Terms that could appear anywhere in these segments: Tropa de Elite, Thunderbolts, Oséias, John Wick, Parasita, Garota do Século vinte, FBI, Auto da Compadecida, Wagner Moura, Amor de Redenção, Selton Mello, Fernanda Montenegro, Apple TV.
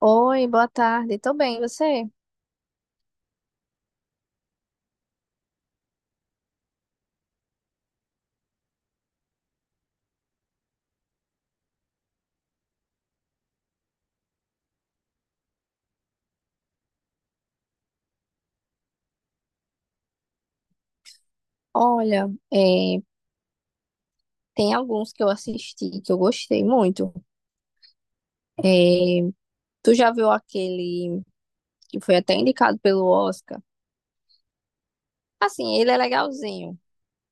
Oi, boa tarde. Tô bem, e você? Olha, tem alguns que eu assisti que eu gostei muito. Tu já viu aquele que foi até indicado pelo Oscar? Assim, ele é legalzinho.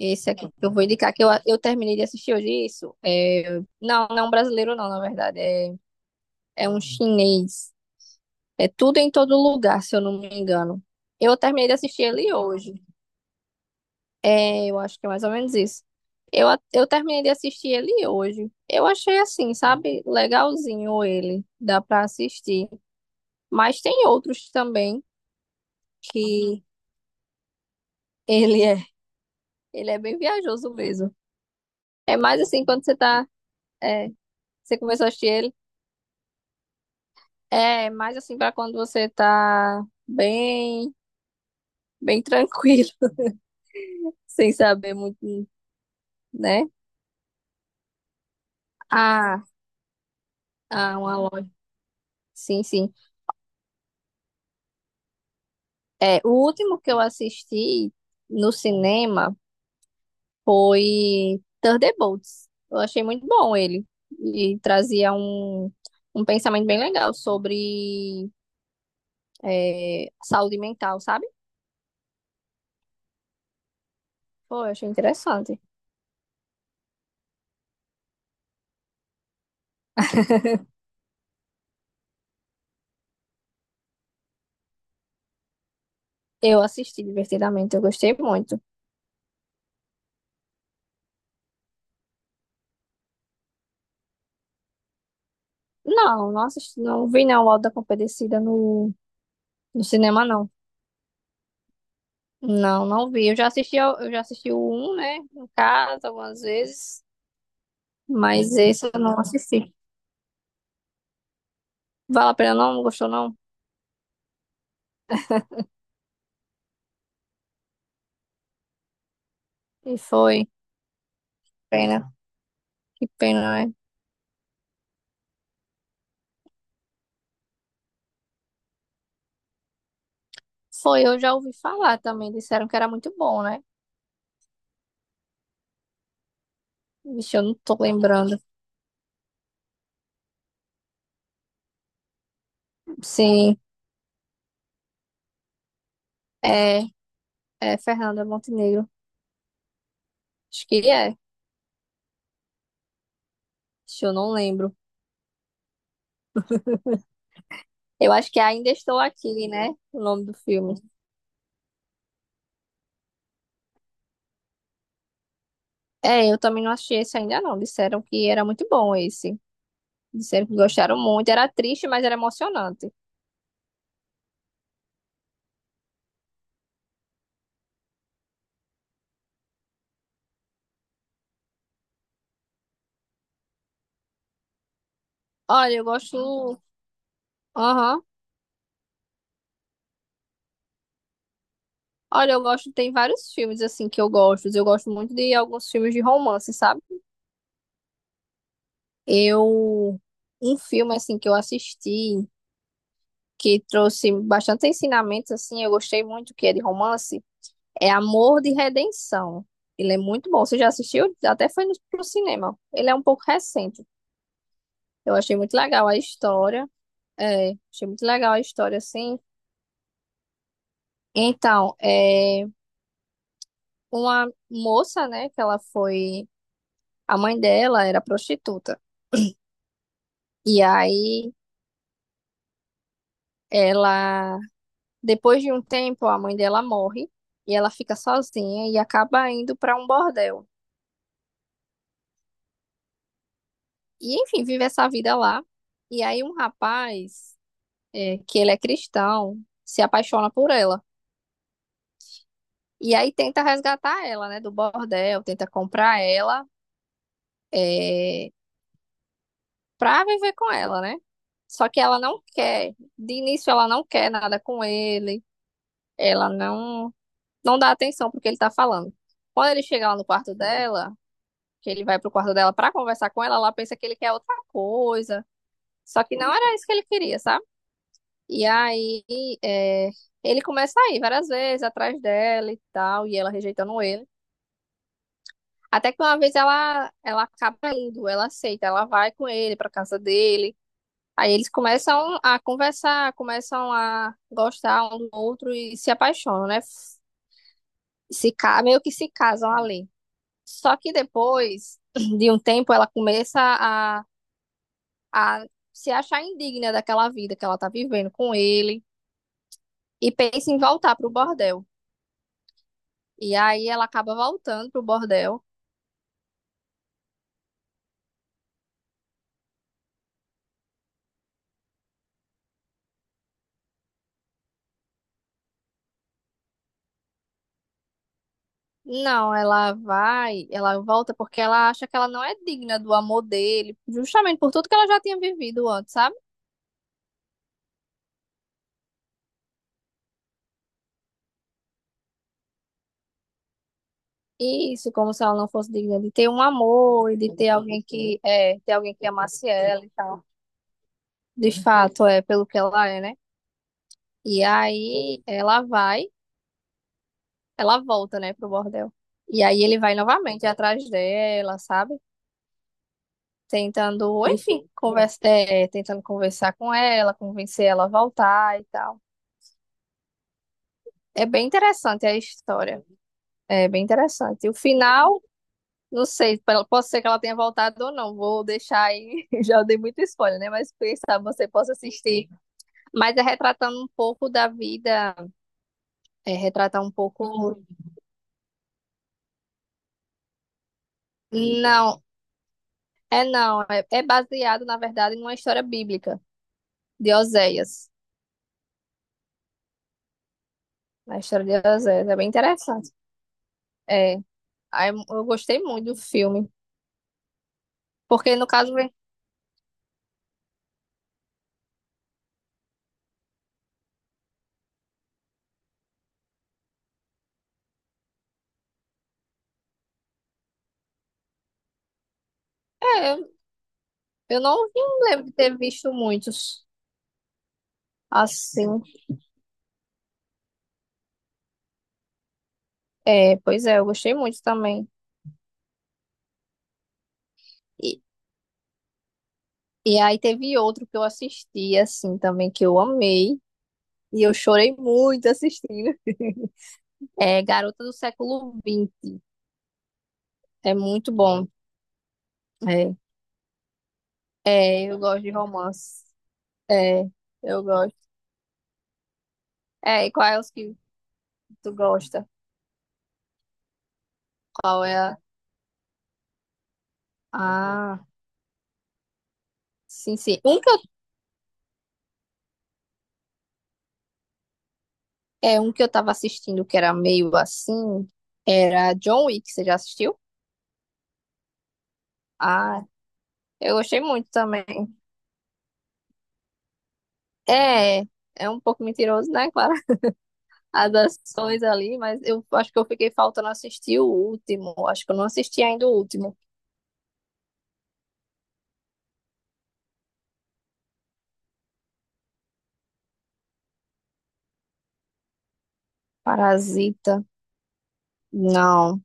Esse aqui que eu vou indicar, que eu terminei de assistir hoje isso. É, não, não é um brasileiro não, na verdade. É um chinês. É tudo em todo lugar, se eu não me engano. Eu terminei de assistir ele hoje. É, eu acho que é mais ou menos isso. Eu terminei de assistir ele hoje. Eu achei assim, sabe, legalzinho ele, dá pra assistir. Mas tem outros também que ele é, ele é bem viajoso mesmo. É mais assim quando é, você começou a assistir ele, é mais assim pra quando você tá bem tranquilo, sem saber muito, né? Ah, uma loja. Sim, sim. É, o último que eu assisti no cinema foi Thunderbolts. Eu achei muito bom ele. E trazia um pensamento bem legal sobre saúde mental, sabe? Pô, eu achei interessante. Eu assisti divertidamente, eu gostei muito. Não, não assisti, não vi não o Auto da Compadecida no cinema, não. Não, não vi. Eu já assisti o um né? No caso, algumas vezes. Mas esse eu não assisti. Vale a pena não? Não gostou não? E foi. Pena. Que pena, né? Foi, eu já ouvi falar também, disseram que era muito bom, né? Vixe, eu não tô lembrando. Sim, é, é Fernanda Montenegro. Acho que é, Vixe, eu não lembro. Eu acho que é ainda estou aqui, né? O nome do filme. É, eu também não achei esse ainda não. Disseram que era muito bom esse. Disseram que gostaram muito. Era triste, mas era emocionante. Olha, eu gosto. Aham. Olha, eu gosto. Tem vários filmes assim que eu gosto. Eu gosto muito de alguns filmes de romance, sabe? Eu. Um filme assim que eu assisti, que trouxe bastante ensinamentos, assim, eu gostei muito, que é de romance, é Amor de Redenção. Ele é muito bom. Você já assistiu? Até foi no, pro cinema. Ele é um pouco recente. Eu achei muito legal a história. É, achei muito legal a história, assim. Então, é uma moça, né, que ela foi. A mãe dela era prostituta. E aí, ela. Depois de um tempo, a mãe dela morre. E ela fica sozinha e acaba indo para um bordel. E enfim, vive essa vida lá. E aí um rapaz, que ele é cristão, se apaixona por ela. E aí tenta resgatar ela, né, do bordel, tenta comprar ela, é, pra viver com ela, né? Só que ela não quer. De início ela não quer nada com ele. Ela não não dá atenção pro que ele tá falando. Quando ele chega lá no quarto dela, que ele vai pro quarto dela pra conversar com ela, ela pensa que ele quer outra coisa. Só que não era isso que ele queria, sabe? E aí, é, ele começa a ir várias vezes atrás dela e tal, e ela rejeitando ele. Até que uma vez ela acaba indo, ela aceita, ela vai com ele pra casa dele. Aí eles começam a conversar, começam a gostar um do outro e se apaixonam, né? Se, ca- Meio que se casam ali. Só que depois de um tempo ela começa a, a se achar indigna daquela vida que ela tá vivendo com ele e pensa em voltar pro bordel. E aí ela acaba voltando pro bordel. Não, ela vai, ela volta porque ela acha que ela não é digna do amor dele, justamente por tudo que ela já tinha vivido antes, sabe? Isso, como se ela não fosse digna de ter um amor e de ter alguém que ter alguém que amasse ela e tal. De fato, é pelo que ela é, né? E aí ela volta, né, pro bordel. E aí ele vai novamente atrás dela, sabe? Tentando, enfim, tentando conversar com ela, convencer ela a voltar e tal. É bem interessante a história. É bem interessante. O final, não sei, pelo- pode ser que ela tenha voltado ou não. Vou deixar aí, já dei muito spoiler, né? Mas quem sabe você possa assistir. Mas é retratando um pouco da vida, é retratar um pouco. Não, é não. É, é baseado, na verdade, numa história bíblica de Oséias. Na história de Oséias. É bem interessante. É. Aí eu gostei muito do filme. Porque, no caso, vem- é, Eu não vi- não lembro de ter visto muitos assim. É, pois é, eu gostei muito também. E, e aí teve outro que eu assisti, assim, também, que eu amei. E eu chorei muito assistindo. É Garota do Século XX. É muito bom. É, É, eu gosto de romance. É, eu gosto. É, e qual é os que tu gosta? Qual é a... Ah, sim, sim. Um que É um que eu tava assistindo que era meio assim, era John Wick, você já assistiu? Ah, eu gostei muito também. É, é um pouco mentiroso, né, claro, as ações ali, mas eu acho que eu fiquei faltando assistir o último. Acho que eu não assisti ainda o último. Parasita. Não,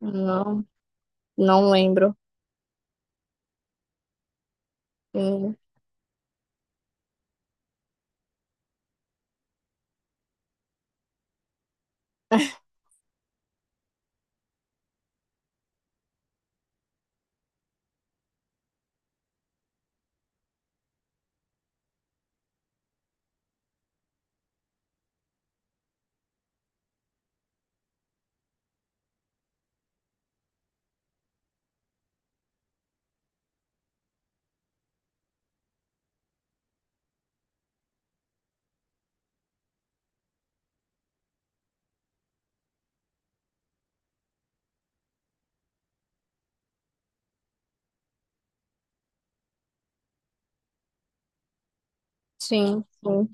não, não lembro. Hum, Sim, sim.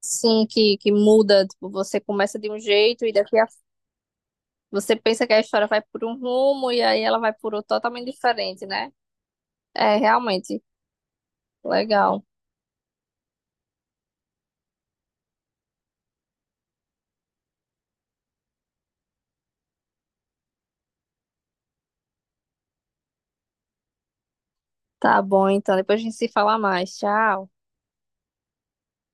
Sim, que muda, tipo, você começa de um jeito e daqui a... Você pensa que a história vai por um rumo e aí ela vai por outro totalmente diferente, né? É, realmente. Legal. Tá bom, então. Depois a gente se fala mais. Tchau.